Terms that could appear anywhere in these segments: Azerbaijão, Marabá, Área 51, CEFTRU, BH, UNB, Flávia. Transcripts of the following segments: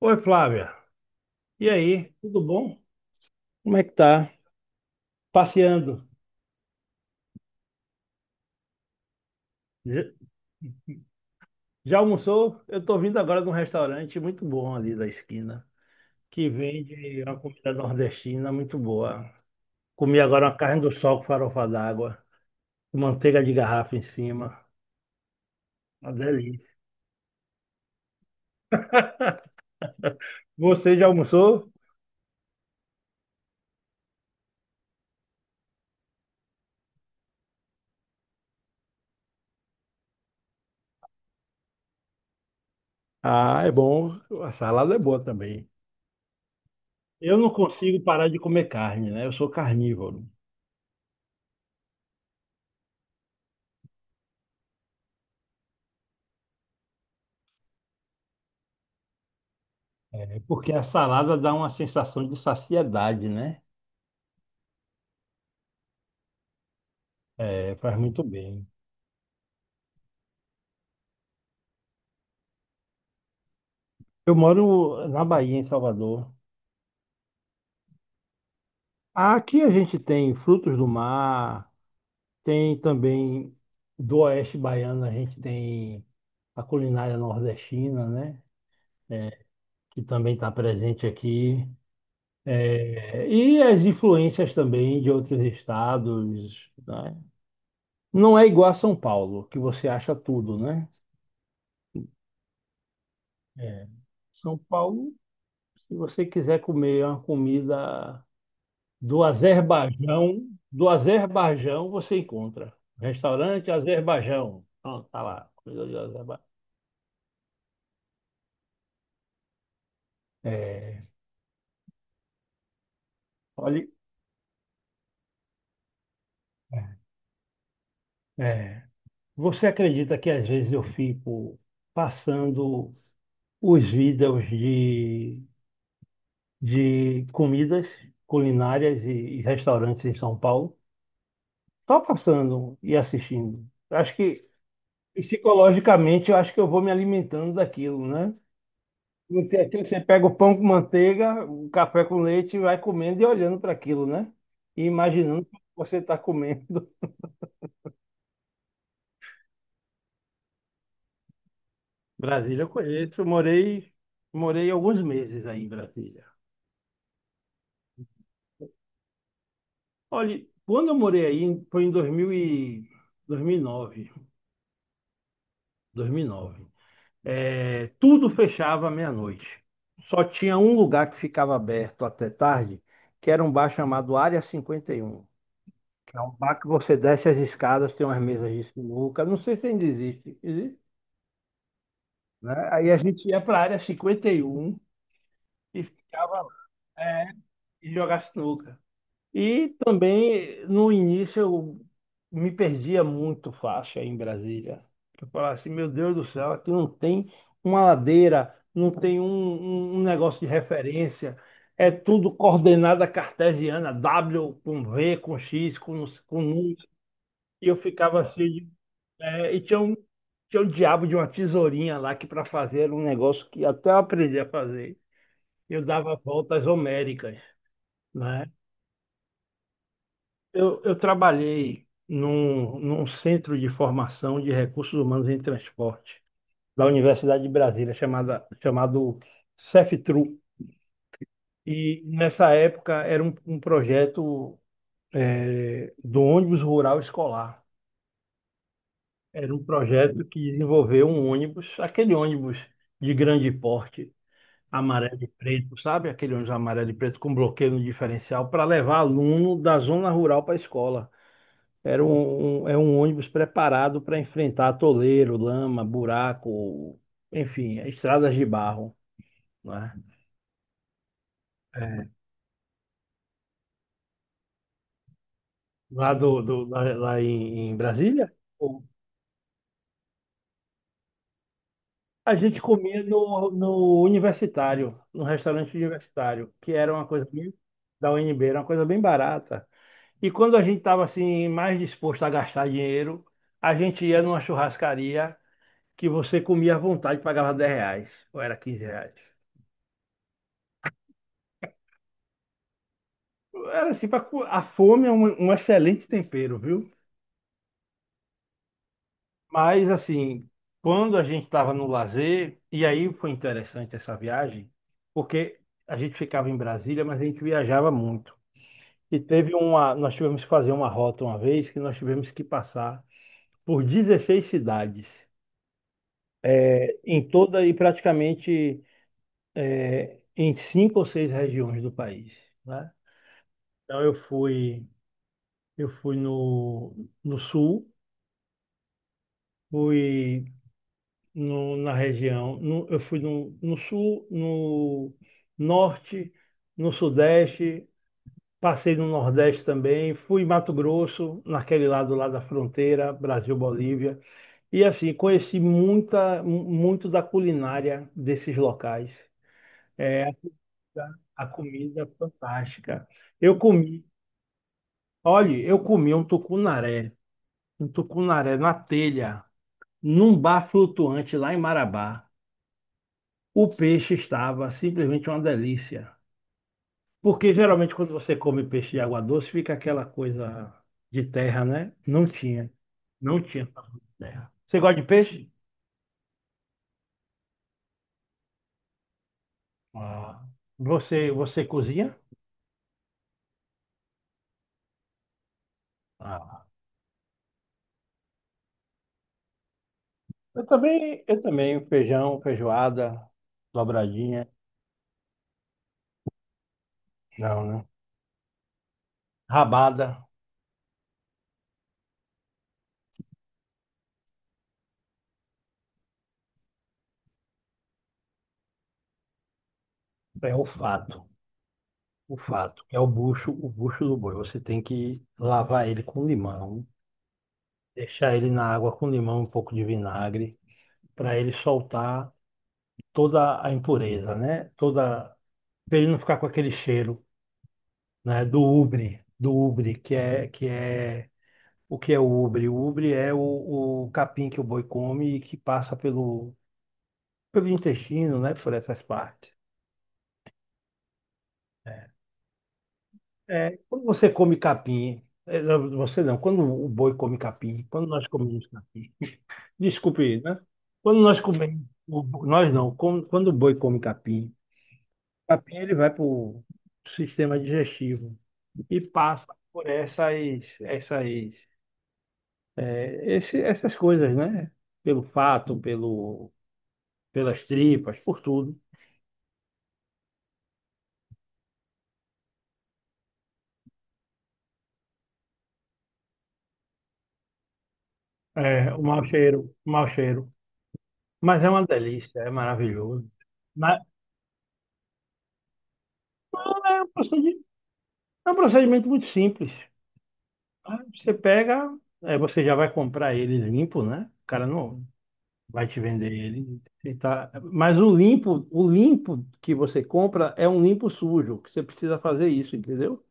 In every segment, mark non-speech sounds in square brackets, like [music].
Oi, Flávia. E aí? Tudo bom? Como é que tá? Passeando. Já já almoçou? Eu tô vindo agora de um restaurante muito bom ali da esquina, que vende uma comida nordestina muito boa. Comi agora uma carne do sol com farofa d'água, com manteiga de garrafa em cima. Uma delícia. Você já almoçou? Ah, é bom. A salada é boa também. Eu não consigo parar de comer carne, né? Eu sou carnívoro. É, porque a salada dá uma sensação de saciedade, né? É, faz muito bem. Eu moro na Bahia, em Salvador. Aqui a gente tem frutos do mar, tem também do oeste baiano, a gente tem a culinária nordestina, né? É, que também está presente aqui. É, e as influências também de outros estados, né? Não é igual a São Paulo, que você acha tudo, né? É. São Paulo, se você quiser comer uma comida. Do Azerbaijão, do Azerbaijão você encontra. Restaurante Azerbaijão. Pronto, tá lá. Comida de Azerbaijão. É, olha, é, você acredita que às vezes eu fico passando os vídeos de comidas culinárias e restaurantes em São Paulo? Só passando e assistindo. Eu Acho que psicologicamente eu acho que eu vou me alimentando daquilo, né? Você, aqui, você pega o pão com manteiga, o café com leite e vai comendo e olhando para aquilo, né? E imaginando o que você está comendo. [laughs] Brasília eu conheço, eu morei alguns meses aí em Brasília. Olha, quando eu morei aí, foi em 2009, 2009. É, tudo fechava à meia-noite. Só tinha um lugar que ficava aberto até tarde, que era um bar chamado Área 51. É um bar que você desce as escadas, tem umas mesas de sinuca. Não sei se ainda existe, existe, né? Aí a gente ia para a Área 51 e ficava lá, é, e jogava sinuca. E também, no início, eu me perdia muito faixa em Brasília. Eu falava assim, meu Deus do céu, aqui não tem uma ladeira, não tem um negócio de referência. É tudo coordenada cartesiana, W com V, com X, com número. E eu ficava assim, é, e tinha um, diabo de uma tesourinha lá que para fazer era um negócio que até eu aprendi a fazer. Eu dava voltas homéricas, né? Eu trabalhei num, centro de formação de recursos humanos em transporte da Universidade de Brasília, chamado CEFTRU. E nessa época era um projeto do ônibus rural escolar. Era um projeto que desenvolveu um ônibus, aquele ônibus de grande porte amarelo e preto, sabe? Aquele ônibus amarelo e preto com bloqueio no diferencial para levar aluno da zona rural para a escola. É um ônibus preparado para enfrentar atoleiro, lama, buraco, enfim, estradas de barro, né? É, lá do, do- lá, lá em, em Brasília, o- a gente comia no, universitário, no restaurante universitário, que era uma coisa bem, da UNB, era uma coisa bem barata. E quando a gente estava assim mais disposto a gastar dinheiro, a gente ia numa churrascaria que você comia à vontade, pagava R$ 10, ou era R$ 15. Era assim, a fome é um, um excelente... tempero, viu? Mas assim, quando a gente estava no lazer, e aí foi interessante essa viagem, porque a gente ficava em Brasília, mas a gente viajava muito. E teve uma, nós tivemos que fazer uma rota uma vez que nós tivemos que passar por 16 cidades em toda e praticamente é, em 5 ou 6 regiões do país, né? Então eu fui no, no sul, fui no- na região, no- eu fui no, no sul, no norte, no sudeste, passei no nordeste também, fui em Mato Grosso, naquele lado lá da fronteira, Brasil-Bolívia, e assim, conheci muita, mu- muito da culinária desses locais. É, a comida é fantástica. Eu comi Olha, eu comi um tucunaré na telha, num bar flutuante lá em Marabá. O peixe estava simplesmente uma delícia. Porque geralmente quando você come peixe de água doce, fica aquela coisa de terra, né? Não tinha. Não tinha sabor de terra. Você gosta de peixe? Ah. Você, você cozinha? Ah. Eu também, feijão, feijoada, dobradinha. Não, né? Rabada, é o fato. O fato que é o bucho do boi. Você tem que lavar ele com limão, deixar ele na água com limão, um pouco de vinagre, para ele soltar toda a impureza, né? Toda, para ele não ficar com aquele cheiro, né? Do ubre, que é o ubre? O ubre é o capim que o boi come e que passa pelo pelo intestino, né? Por essas partes. É, quando você come capim, é, não, você não, quando o boi come capim, quando nós comemos capim Desculpe, né? Quando nós comemos, o- nós não, quando, quando o boi come capim, capim ele vai para o sistema digestivo e passa por essas, essas, é, esse- essas coisas, né? Pelo fato, pelo, pelas tripas, por tudo. É, o mau cheiro, o mau cheiro. Mas é uma delícia, é maravilhoso. Mas é um procedi- é um procedimento muito simples. Você pega, é, você já vai comprar ele limpo, né? O cara não. Vai te vender ele. E tá- Mas o limpo que você compra é um limpo sujo, que você precisa fazer isso, entendeu?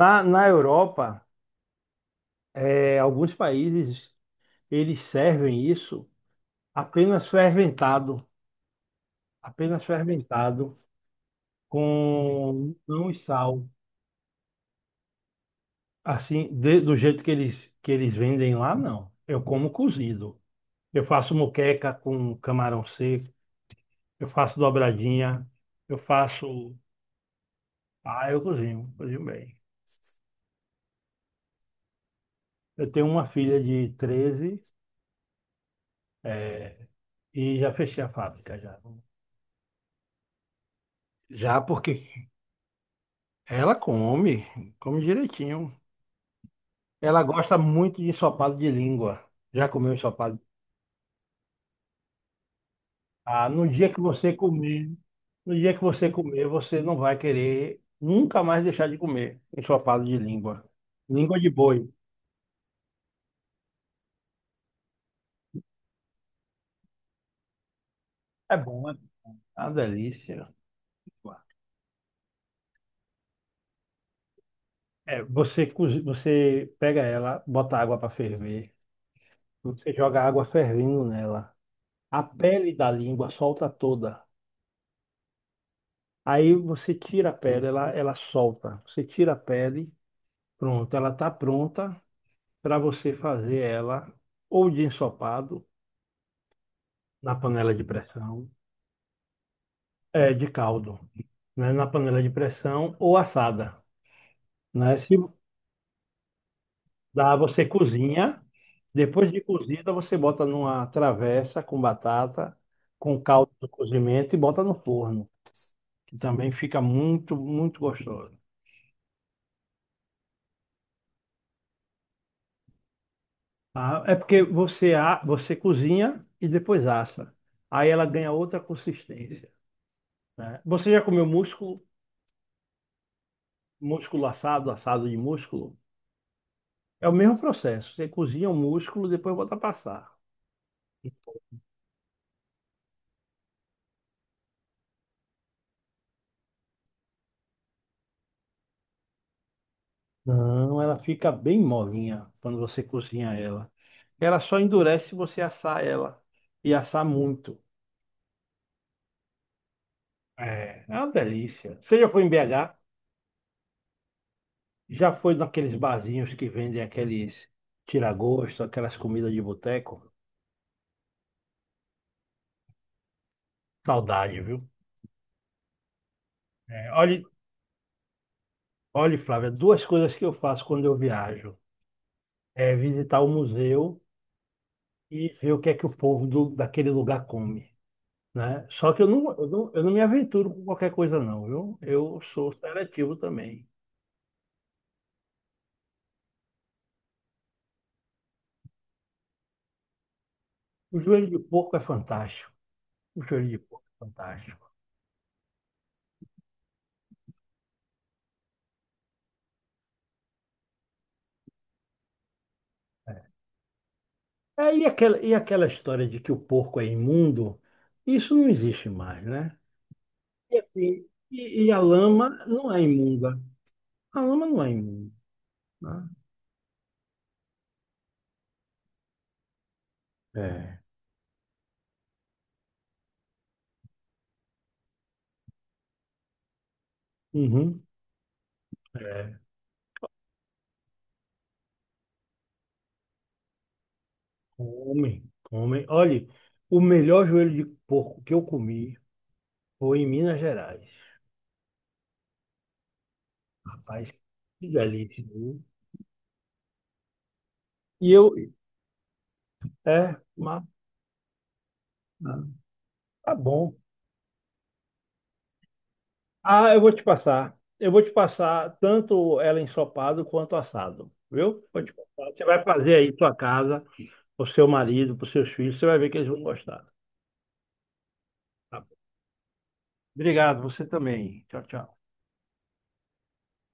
Na, na Europa, é, alguns países, eles servem isso apenas fermentado, apenas fermentado, com não e sal. Assim, de- do jeito que eles vendem lá, não. Eu como cozido. Eu faço moqueca com camarão seco, eu faço dobradinha, eu faço... Ah, eu cozinho, cozinho bem. Eu tenho uma filha de 13 é, e já fechei a fábrica já. Já porque ela come, come direitinho. Ela gosta muito de ensopado de língua. Já comeu ensopado? Ah, no dia que você comer, no dia que você comer, você não vai querer nunca mais deixar de comer ensopado de língua. Língua de boi. É bom, é uma delícia. É, você, cozi- você pega ela, bota água para ferver, você joga água fervendo nela. A pele da língua solta toda. Aí você tira a pele, ela solta. Você tira a pele, pronto, ela está pronta para você fazer ela ou de ensopado na panela de pressão, é, de caldo, né, na panela de pressão ou assada, né? Se dá, você cozinha. Depois de cozida, você bota numa travessa com batata, com caldo do cozimento e bota no forno, que também fica muito, muito gostoso. Ah, é porque você, a- você cozinha e depois assa. Aí ela ganha outra consistência, né? Você já comeu músculo, músculo assado, assado de músculo? É o mesmo processo. Você cozinha o músculo, depois bota a passar. Não, ela fica bem molinha quando você cozinha ela. Ela só endurece se você assar ela. E assar muito. É, é uma delícia. Você já foi em BH? Já foi naqueles barzinhos que vendem aqueles tira-gosto, aquelas comidas de boteco? Saudade, viu? É, olhe, olhe, Flávia, duas coisas que eu faço quando eu viajo. É visitar o museu e ver o que é que o povo do- daquele lugar come, né? Só que eu não, eu não, eu não me aventuro com qualquer coisa, não, viu? Eu sou seletivo também. O joelho de porco é fantástico. O joelho de porco é fantástico. É, É, e aquela história de que o porco é imundo, isso não existe mais, né? E, assim, e a lama não é imunda. A lama não é imunda, né? É. Uhum. É, come, come. Olha, o melhor joelho de porco que eu comi foi em Minas Gerais. Rapaz, que delícia. Viu? E eu, é, mas ah, tá bom. Ah, eu vou te passar. Eu vou te passar tanto ela ensopado quanto assado, viu? Vou te passar. Você vai fazer aí tua casa, pro seu marido, pros seus filhos, você vai ver que eles vão gostar. Tá bom. Obrigado, você também. Tchau, tchau.